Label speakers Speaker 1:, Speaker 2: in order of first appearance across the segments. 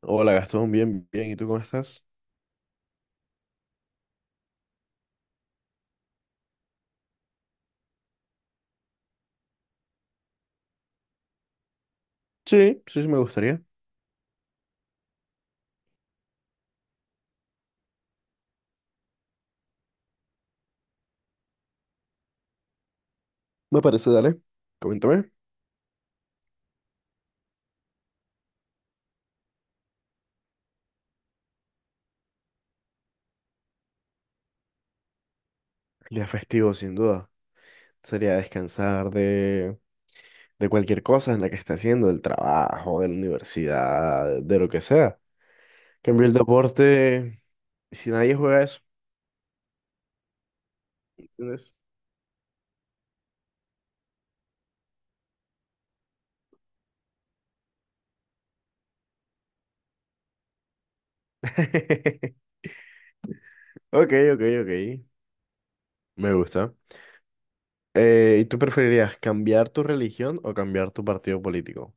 Speaker 1: Hola Gastón, bien, bien. ¿Y tú cómo estás? Sí, sí, sí, me gustaría. Me parece, dale. Coméntame. Día festivo, sin duda. Sería descansar de cualquier cosa en la que esté haciendo, del trabajo, de la universidad, de lo que sea. Cambio el deporte si nadie juega eso, ¿entiendes? Ok, ok, ok. Me gusta. ¿Y tú preferirías cambiar tu religión o cambiar tu partido político?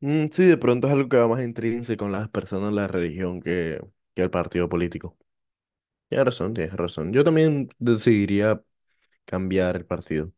Speaker 1: Mm, sí, de pronto es algo que va más intrínseco en las personas, la religión, que el partido político. Tienes razón, tienes razón. Yo también decidiría cambiar el partido.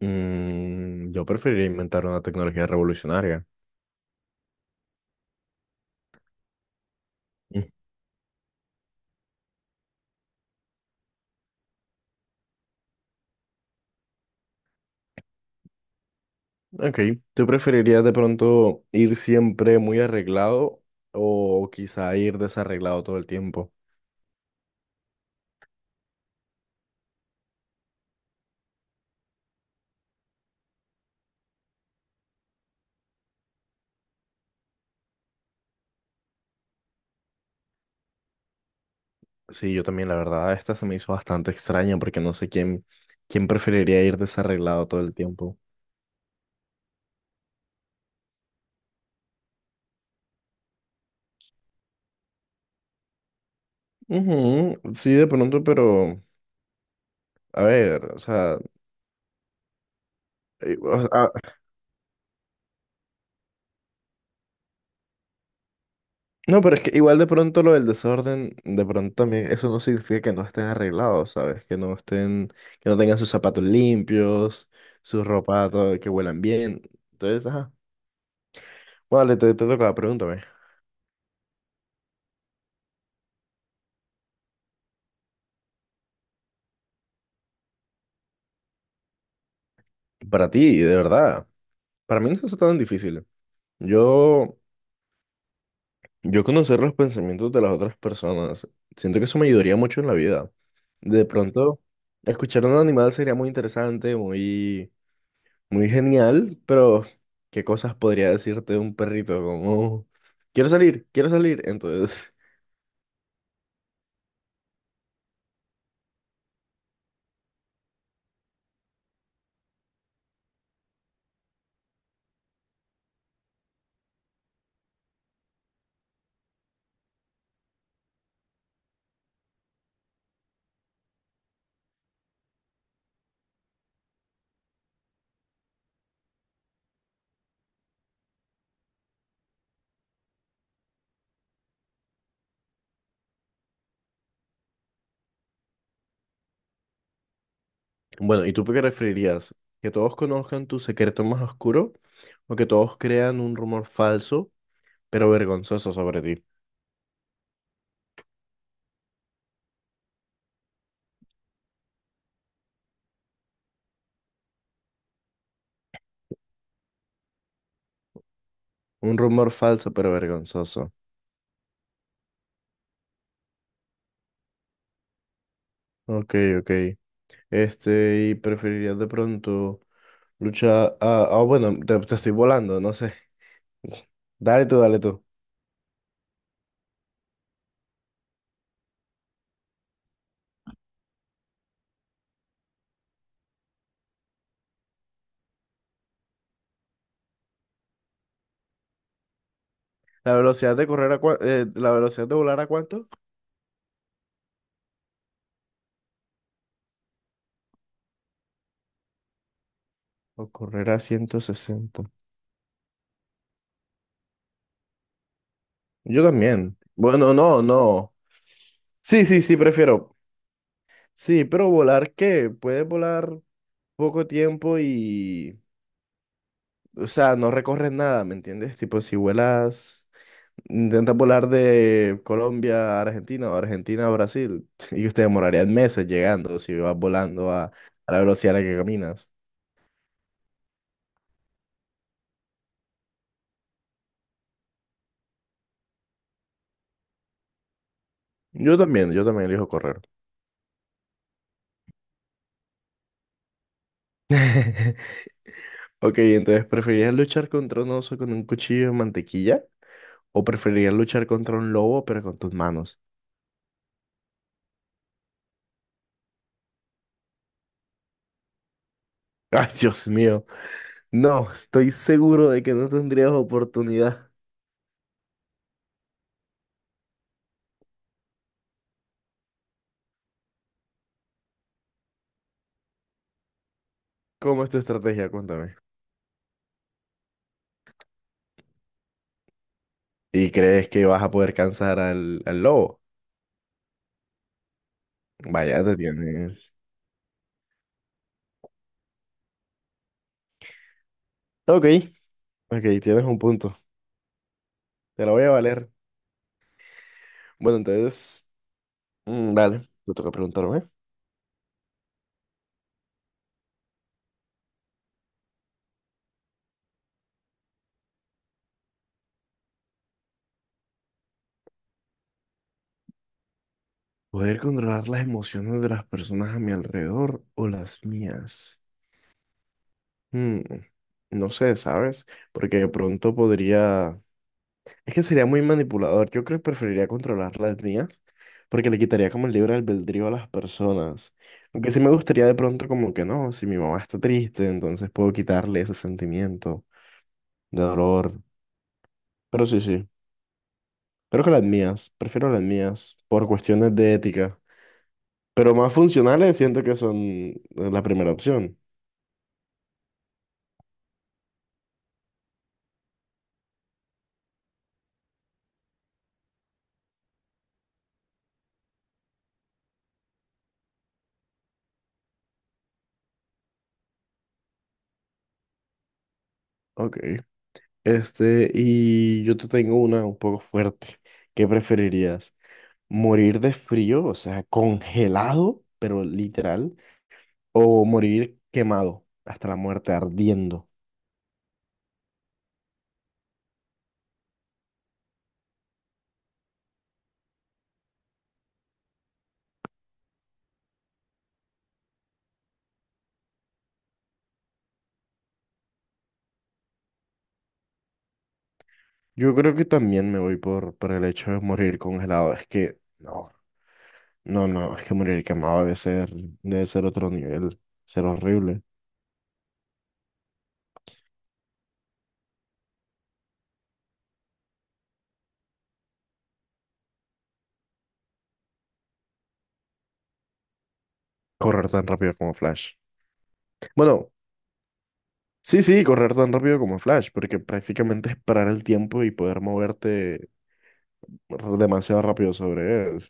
Speaker 1: Mm, yo preferiría inventar una tecnología revolucionaria. Mm, ok, ¿tú preferirías de pronto ir siempre muy arreglado o quizá ir desarreglado todo el tiempo? Sí, yo también, la verdad, esta se me hizo bastante extraña porque no sé quién preferiría ir desarreglado todo el tiempo. Ujú, sí, de pronto, pero... A ver, o sea, eh, o- ah, no, pero es que igual de pronto lo del desorden, de pronto también, eso no significa que no estén arreglados, ¿sabes? Que no estén, que no tengan sus zapatos limpios, su ropa, todo, que huelan bien. Entonces, ajá. Vale, te toca, pregúntame. Para ti, de verdad, para mí no es tan difícil. Yo, yo conocer los pensamientos de las otras personas, siento que eso me ayudaría mucho en la vida. De pronto, escuchar a un animal sería muy interesante, muy... Muy genial, pero ¿qué cosas podría decirte de un perrito? Como, quiero salir, quiero salir. Entonces, bueno, ¿y tú qué preferirías? ¿Que todos conozcan tu secreto más oscuro o que todos crean un rumor falso, pero vergonzoso sobre ti? Un rumor falso, pero vergonzoso. Ok, ok. Este, ¿y preferirías de pronto luchar? Ah, ah, bueno, te estoy volando, no sé. Dale tú, dale tú. ¿La velocidad de correr a la velocidad de volar a cuánto? O correr a 160. Yo también. Bueno, no, no. Sí, sí, sí, prefiero. Sí, pero volar, ¿qué? Puedes volar poco tiempo y... O sea, no recorres nada, ¿me entiendes? Tipo, si vuelas, intentas volar de Colombia a Argentina o Argentina a Brasil y usted demorarían meses llegando si vas volando a la velocidad a la que caminas. Yo también elijo correr. Ok, entonces, ¿preferirías luchar contra un oso con un cuchillo de mantequilla? ¿O preferirías luchar contra un lobo pero con tus manos? Ay, Dios mío. No, estoy seguro de que no tendrías oportunidad. ¿Cómo es tu estrategia? Cuéntame. ¿Y crees que vas a poder cansar al lobo? Vaya, te tienes. Ok, ok, tienes un punto. Te la voy a valer. Bueno, entonces, mm, dale, te toca preguntarme. ¿Poder controlar las emociones de las personas a mi alrededor o las mías? Mm, no sé, ¿sabes? Porque de pronto podría... Es que sería muy manipulador. Yo creo que preferiría controlar las mías porque le quitaría como el libre albedrío a las personas. Aunque sí me gustaría de pronto como que no, si mi mamá está triste, entonces puedo quitarle ese sentimiento de dolor. Pero sí, sí, pero que las mías. Prefiero las mías por cuestiones de ética. Pero más funcionales siento que son la primera opción. Ok. Este, y yo te tengo una un poco fuerte. ¿Qué preferirías? Morir de frío, o sea, congelado, pero literal, o morir quemado hasta la muerte, ardiendo. Yo creo que también me voy por el hecho de morir congelado. Es que, no, no, no, es que morir quemado debe ser otro nivel, ser horrible. Correr tan rápido como Flash. Bueno, sí, sí, correr tan rápido como Flash, porque prácticamente es parar el tiempo y poder moverte demasiado rápido sobre él.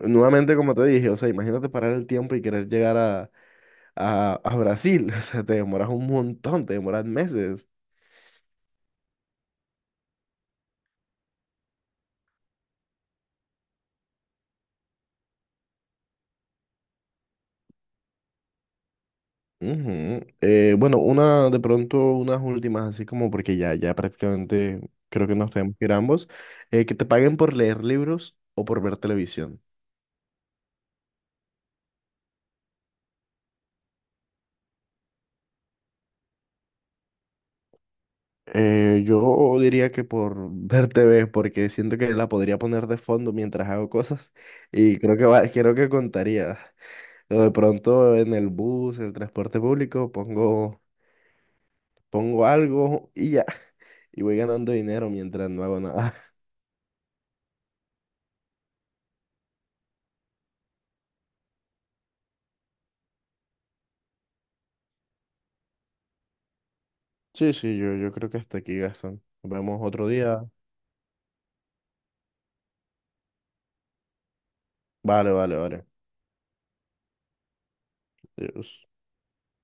Speaker 1: Nuevamente, como te dije, o sea, imagínate parar el tiempo y querer llegar a Brasil. O sea, te demoras un montón, te demoras meses. Ujú. Bueno, una de pronto, unas últimas, así como porque ya, ya prácticamente creo que nos tenemos que ir ambos, que te paguen por leer libros o por ver televisión. Yo diría que por ver TV, porque siento que la podría poner de fondo mientras hago cosas y creo que va, creo que contaría. O de pronto en el bus, en el transporte público, pongo algo y ya. Y voy ganando dinero mientras no hago nada. Sí, sí, yo creo que hasta aquí, Gastón. Nos vemos otro día. Vale, vale, vale. Adiós.